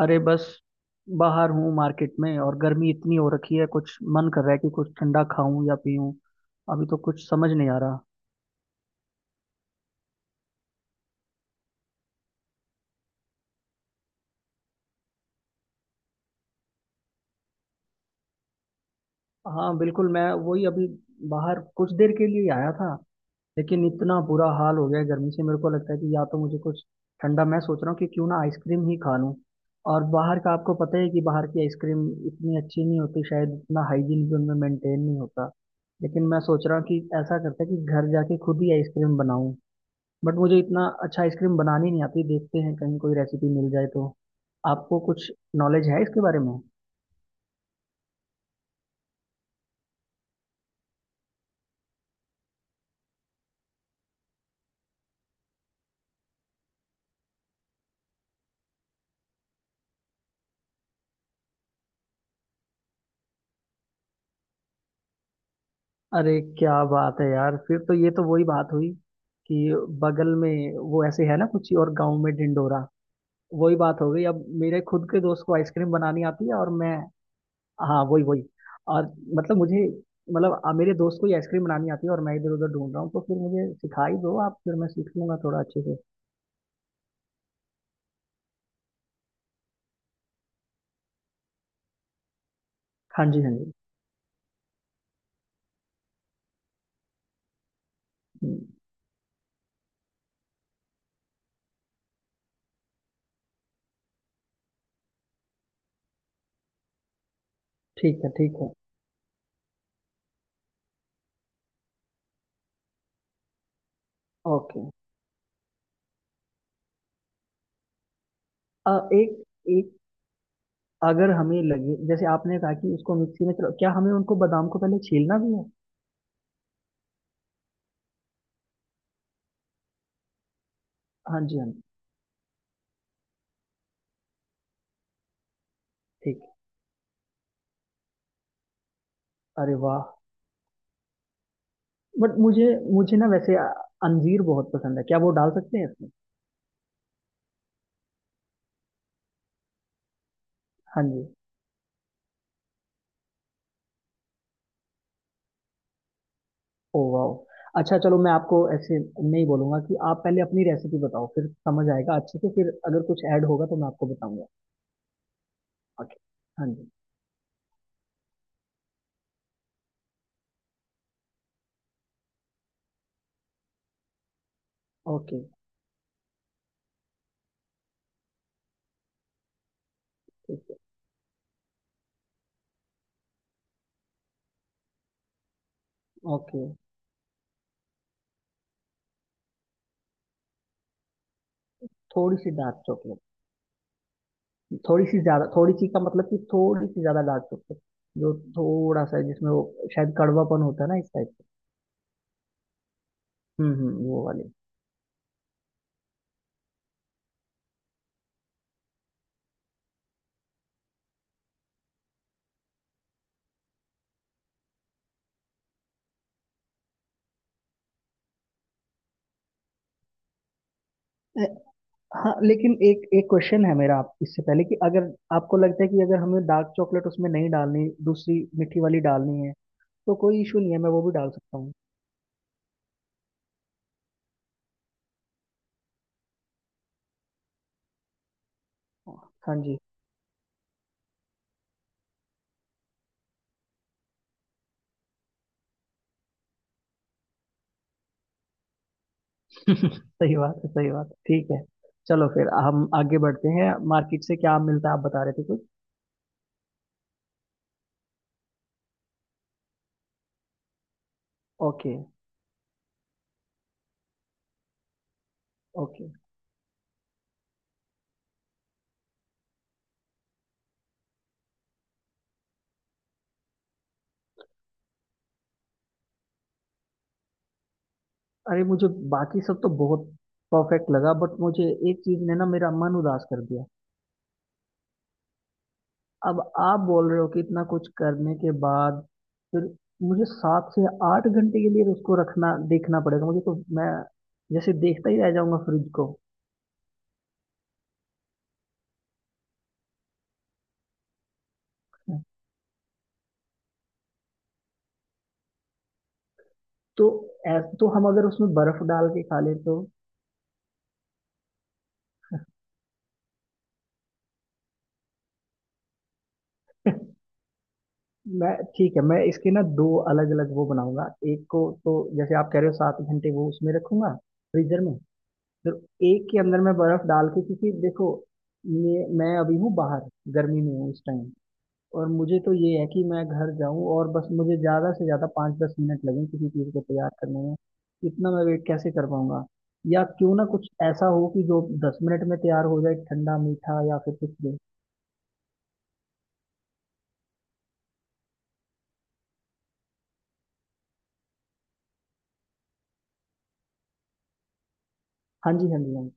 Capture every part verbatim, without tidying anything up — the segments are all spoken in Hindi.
अरे, बस बाहर हूँ मार्केट में। और गर्मी इतनी हो रखी है, कुछ मन कर रहा है कि कुछ ठंडा खाऊं या पीऊं। अभी तो कुछ समझ नहीं आ रहा। हाँ, बिल्कुल। मैं वही अभी बाहर कुछ देर के लिए ही आया था, लेकिन इतना बुरा हाल हो गया है गर्मी से। मेरे को लगता है कि या तो मुझे कुछ ठंडा, मैं सोच रहा हूँ कि क्यों ना आइसक्रीम ही खा लूँ। और बाहर का, आपको पता है कि बाहर की आइसक्रीम इतनी अच्छी नहीं होती, शायद इतना हाइजीन भी उनमें मेंटेन नहीं होता। लेकिन मैं सोच रहा हूँ कि ऐसा करते हैं कि घर जाके खुद ही आइसक्रीम बनाऊं। बट मुझे इतना अच्छा आइसक्रीम बनानी नहीं आती। देखते हैं कहीं कोई रेसिपी मिल जाए तो। आपको कुछ नॉलेज है इसके बारे में? अरे क्या बात है यार! फिर तो ये तो वही बात हुई कि बगल में वो ऐसे है ना, कुछ और गांव में ढिंडोरा। वही बात हो गई। अब मेरे खुद के दोस्त को आइसक्रीम बनानी आती है और मैं। हाँ वही वही। और मतलब मुझे मतलब आ, मेरे दोस्त को ही आइसक्रीम बनानी आती है और मैं इधर उधर ढूंढ रहा हूँ। तो फिर मुझे सिखा ही दो आप, फिर मैं सीख लूंगा थोड़ा अच्छे से। हाँ जी हाँ जी। हम्म, ठीक है ठीक है। ओके। अ, एक एक अगर हमें लगे, जैसे आपने कहा कि उसको मिक्सी में चलो, क्या हमें उनको बादाम को पहले छीलना भी है? हाँ जी हाँ जी, ठीक। अरे वाह! बट मुझे मुझे ना वैसे अ, अंजीर बहुत पसंद है। क्या वो डाल सकते हैं इसमें? हाँ जी। ओ वाह, अच्छा। चलो मैं आपको ऐसे नहीं बोलूंगा कि आप पहले अपनी रेसिपी बताओ, फिर समझ आएगा अच्छे से, फिर अगर कुछ ऐड होगा तो मैं आपको बताऊंगा। ओके। हाँ जी। ओके। ठीक है। ओके। थोड़ी सी डार्क चॉकलेट। थोड़ी सी ज्यादा, थोड़ी सी का मतलब कि थोड़ी सी ज्यादा डार्क चॉकलेट। जो थोड़ा सा है, जिसमें वो शायद कड़वापन होता है ना, इस टाइप का। हम्म हम्म, वो वाली। अ, हाँ लेकिन एक एक क्वेश्चन है मेरा आप इससे पहले कि अगर आपको लगता है कि अगर हमें डार्क चॉकलेट उसमें नहीं डालनी, दूसरी मीठी वाली डालनी है, तो कोई इशू नहीं है, मैं वो भी डाल सकता हूँ। हाँ जी। सही बात है सही बात है। ठीक है। चलो फिर हम आगे बढ़ते हैं। मार्केट से क्या मिलता है, आप बता रहे थे कुछ? Okay okay. अरे, मुझे बाकी सब तो बहुत परफेक्ट लगा, बट मुझे एक चीज ने ना मेरा मन उदास कर दिया। अब आप बोल रहे हो कि इतना कुछ करने के बाद फिर मुझे सात से आठ घंटे के लिए तो उसको रखना देखना पड़ेगा। मुझे तो मैं जैसे देखता ही रह जाऊंगा फ्रिज को। तो ऐस- तो हम अगर उसमें बर्फ डाल के खा लें तो? मैं, ठीक है, मैं इसके ना दो अलग अलग वो बनाऊंगा। एक को तो जैसे आप कह रहे हो सात घंटे वो उसमें रखूंगा, फ्रीजर में। तो एक के अंदर मैं बर्फ डाल के, क्योंकि देखो, ये मैं अभी हूँ बाहर, गर्मी में हूँ इस टाइम। और मुझे तो ये है कि मैं घर जाऊं और बस मुझे ज्यादा से ज्यादा पाँच दस मिनट लगे किसी चीज को तैयार करने में। इतना मैं वेट कैसे कर पाऊंगा? या क्यों ना कुछ ऐसा हो कि जो दस मिनट में तैयार हो जाए, ठंडा मीठा या फिर कुछ भी। हाँ जी हाँ जी हाँ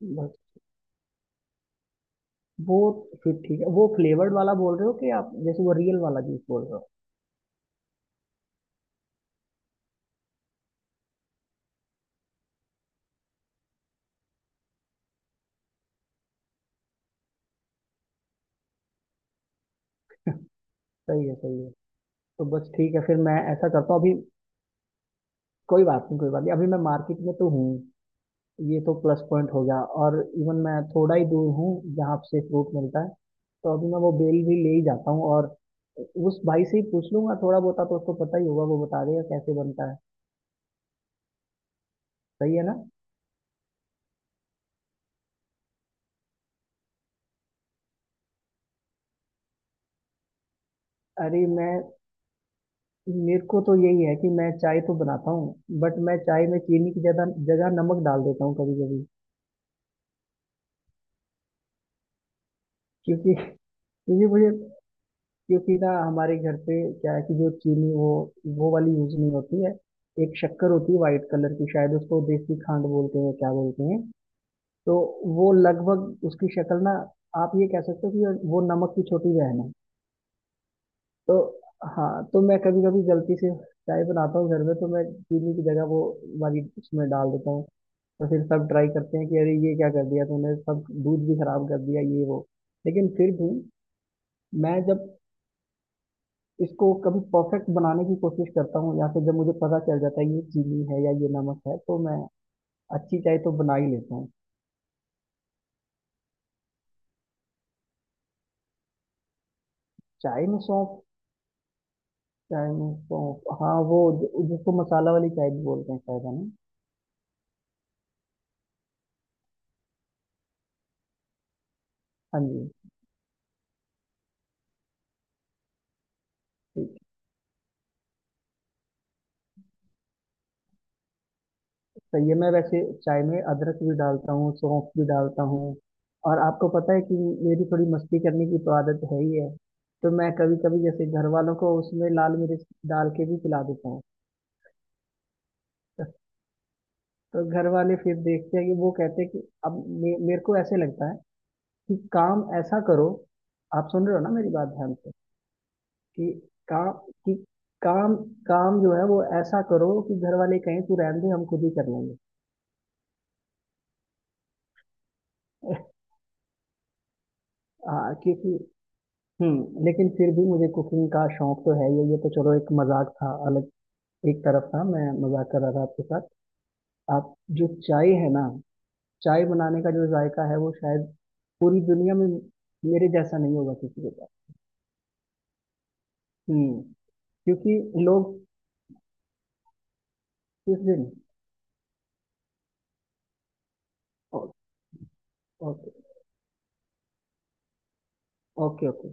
जी। बस वो, फिर ठीक है, वो फ्लेवर्ड वाला बोल रहे हो कि आप, जैसे वो रियल वाला जूस बोल रहे हो? सही है सही है। तो बस ठीक है फिर, मैं ऐसा करता हूँ अभी। कोई बात नहीं कोई बात नहीं, अभी मैं मार्केट में तो हूँ, ये तो प्लस पॉइंट हो गया। और इवन मैं थोड़ा ही दूर हूँ जहाँ से फ्रूट मिलता है। तो अभी मैं वो बेल भी ले ही जाता हूँ, और उस भाई से ही पूछ लूंगा, थोड़ा बहुत तो उसको पता ही होगा, वो बता देगा कैसे बनता है। सही है ना। अरे मैं, मेरे को तो यही है कि मैं चाय तो बनाता हूँ, बट मैं चाय में चीनी की ज्यादा जगह नमक डाल देता हूँ कभी कभी। क्योंकि क्योंकि मुझे क्योंकि ना हमारे घर पे क्या है कि जो चीनी, वो वो वाली यूज नहीं होती है। एक शक्कर होती है वाइट कलर की, शायद उसको देसी खांड बोलते हैं, क्या बोलते हैं। तो वो लगभग उसकी शक्ल ना, आप ये कह सकते हो कि वो नमक की छोटी बहन है। तो हाँ, तो मैं कभी कभी गलती से चाय बनाता हूँ घर में, तो मैं चीनी की जगह वो वाली उसमें डाल देता हूँ। तो फिर सब ट्राई करते हैं कि अरे ये क्या कर दिया तूने, सब दूध भी खराब कर दिया ये वो। लेकिन फिर भी मैं जब इसको कभी परफेक्ट बनाने की कोशिश करता हूँ, या फिर जब मुझे पता चल जाता है ये चीनी है या ये नमक है, तो मैं अच्छी चाय तो बना ही लेता हूँ। चाय में सौंफ? चाय में सौंफ, हाँ वो ज- जिसको मसाला वाली चाय भी बोलते हैं शायद, है ना? हाँ जी। ठीक है। सही है, मैं वैसे चाय में अदरक भी डालता हूँ, सौंफ भी डालता हूँ। और आपको पता है कि मेरी थोड़ी मस्ती करने की तो आदत है ही है। तो मैं कभी कभी जैसे घर वालों को उसमें लाल मिर्च डाल के भी पिला देता हूँ। तो घर वाले फिर देखते हैं कि वो कहते हैं कि, अब मे, मेरे को ऐसे लगता है कि काम ऐसा करो, आप सुन रहे हो ना मेरी बात ध्यान से, कि काम कि काम काम जो है वो ऐसा करो कि घर वाले कहें तू रहने दे, हम खुद ही कर लेंगे। आ, क्योंकि, हम्म लेकिन फिर भी मुझे कुकिंग का शौक तो है। ये ये तो चलो, एक मजाक था, अलग एक तरफ था, मैं मजाक कर रहा था आपके साथ। आप, जो चाय है ना, चाय बनाने का जो जायका है वो शायद पूरी दुनिया में मेरे जैसा नहीं होगा किसी के पास। हम्म। क्योंकि लोग, किस दिन? ओ- ओके। Okay okay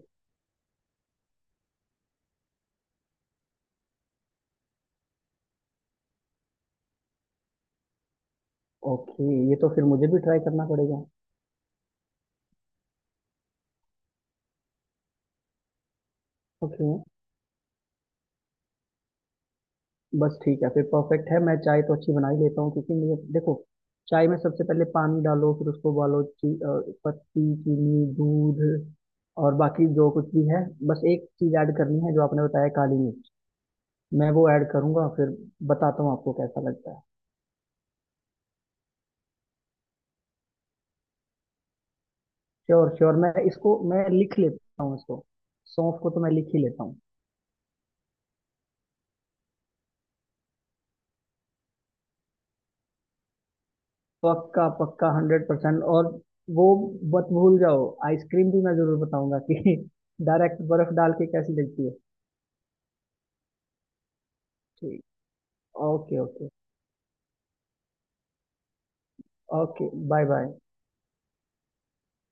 okay. ये तो फिर मुझे भी ट्राई करना पड़ेगा। ओके। बस ठीक है फिर, परफेक्ट है। मैं चाय तो अच्छी बना ही लेता हूँ, क्योंकि मुझे देखो, चाय में सबसे पहले पानी डालो, फिर उसको उबालो, ची, अ, पत्ती, चीनी, दूध, और बाकी जो कुछ भी है। बस एक चीज़ ऐड करनी है जो आपने बताया, काली मिर्च। मैं वो ऐड करूँगा फिर बताता हूँ आपको कैसा लगता है। Sure sure. मैं इसको मैं लिख लेता हूँ इसको, सौंफ को तो मैं लिख ही लेता हूँ। पक्का पक्का, हंड्रेड परसेंट। और वो मत भूल जाओ, आइसक्रीम भी मैं जरूर बताऊंगा कि डायरेक्ट बर्फ डाल के कैसी लगती है। ठीक। Okay okay. Okay, bye bye.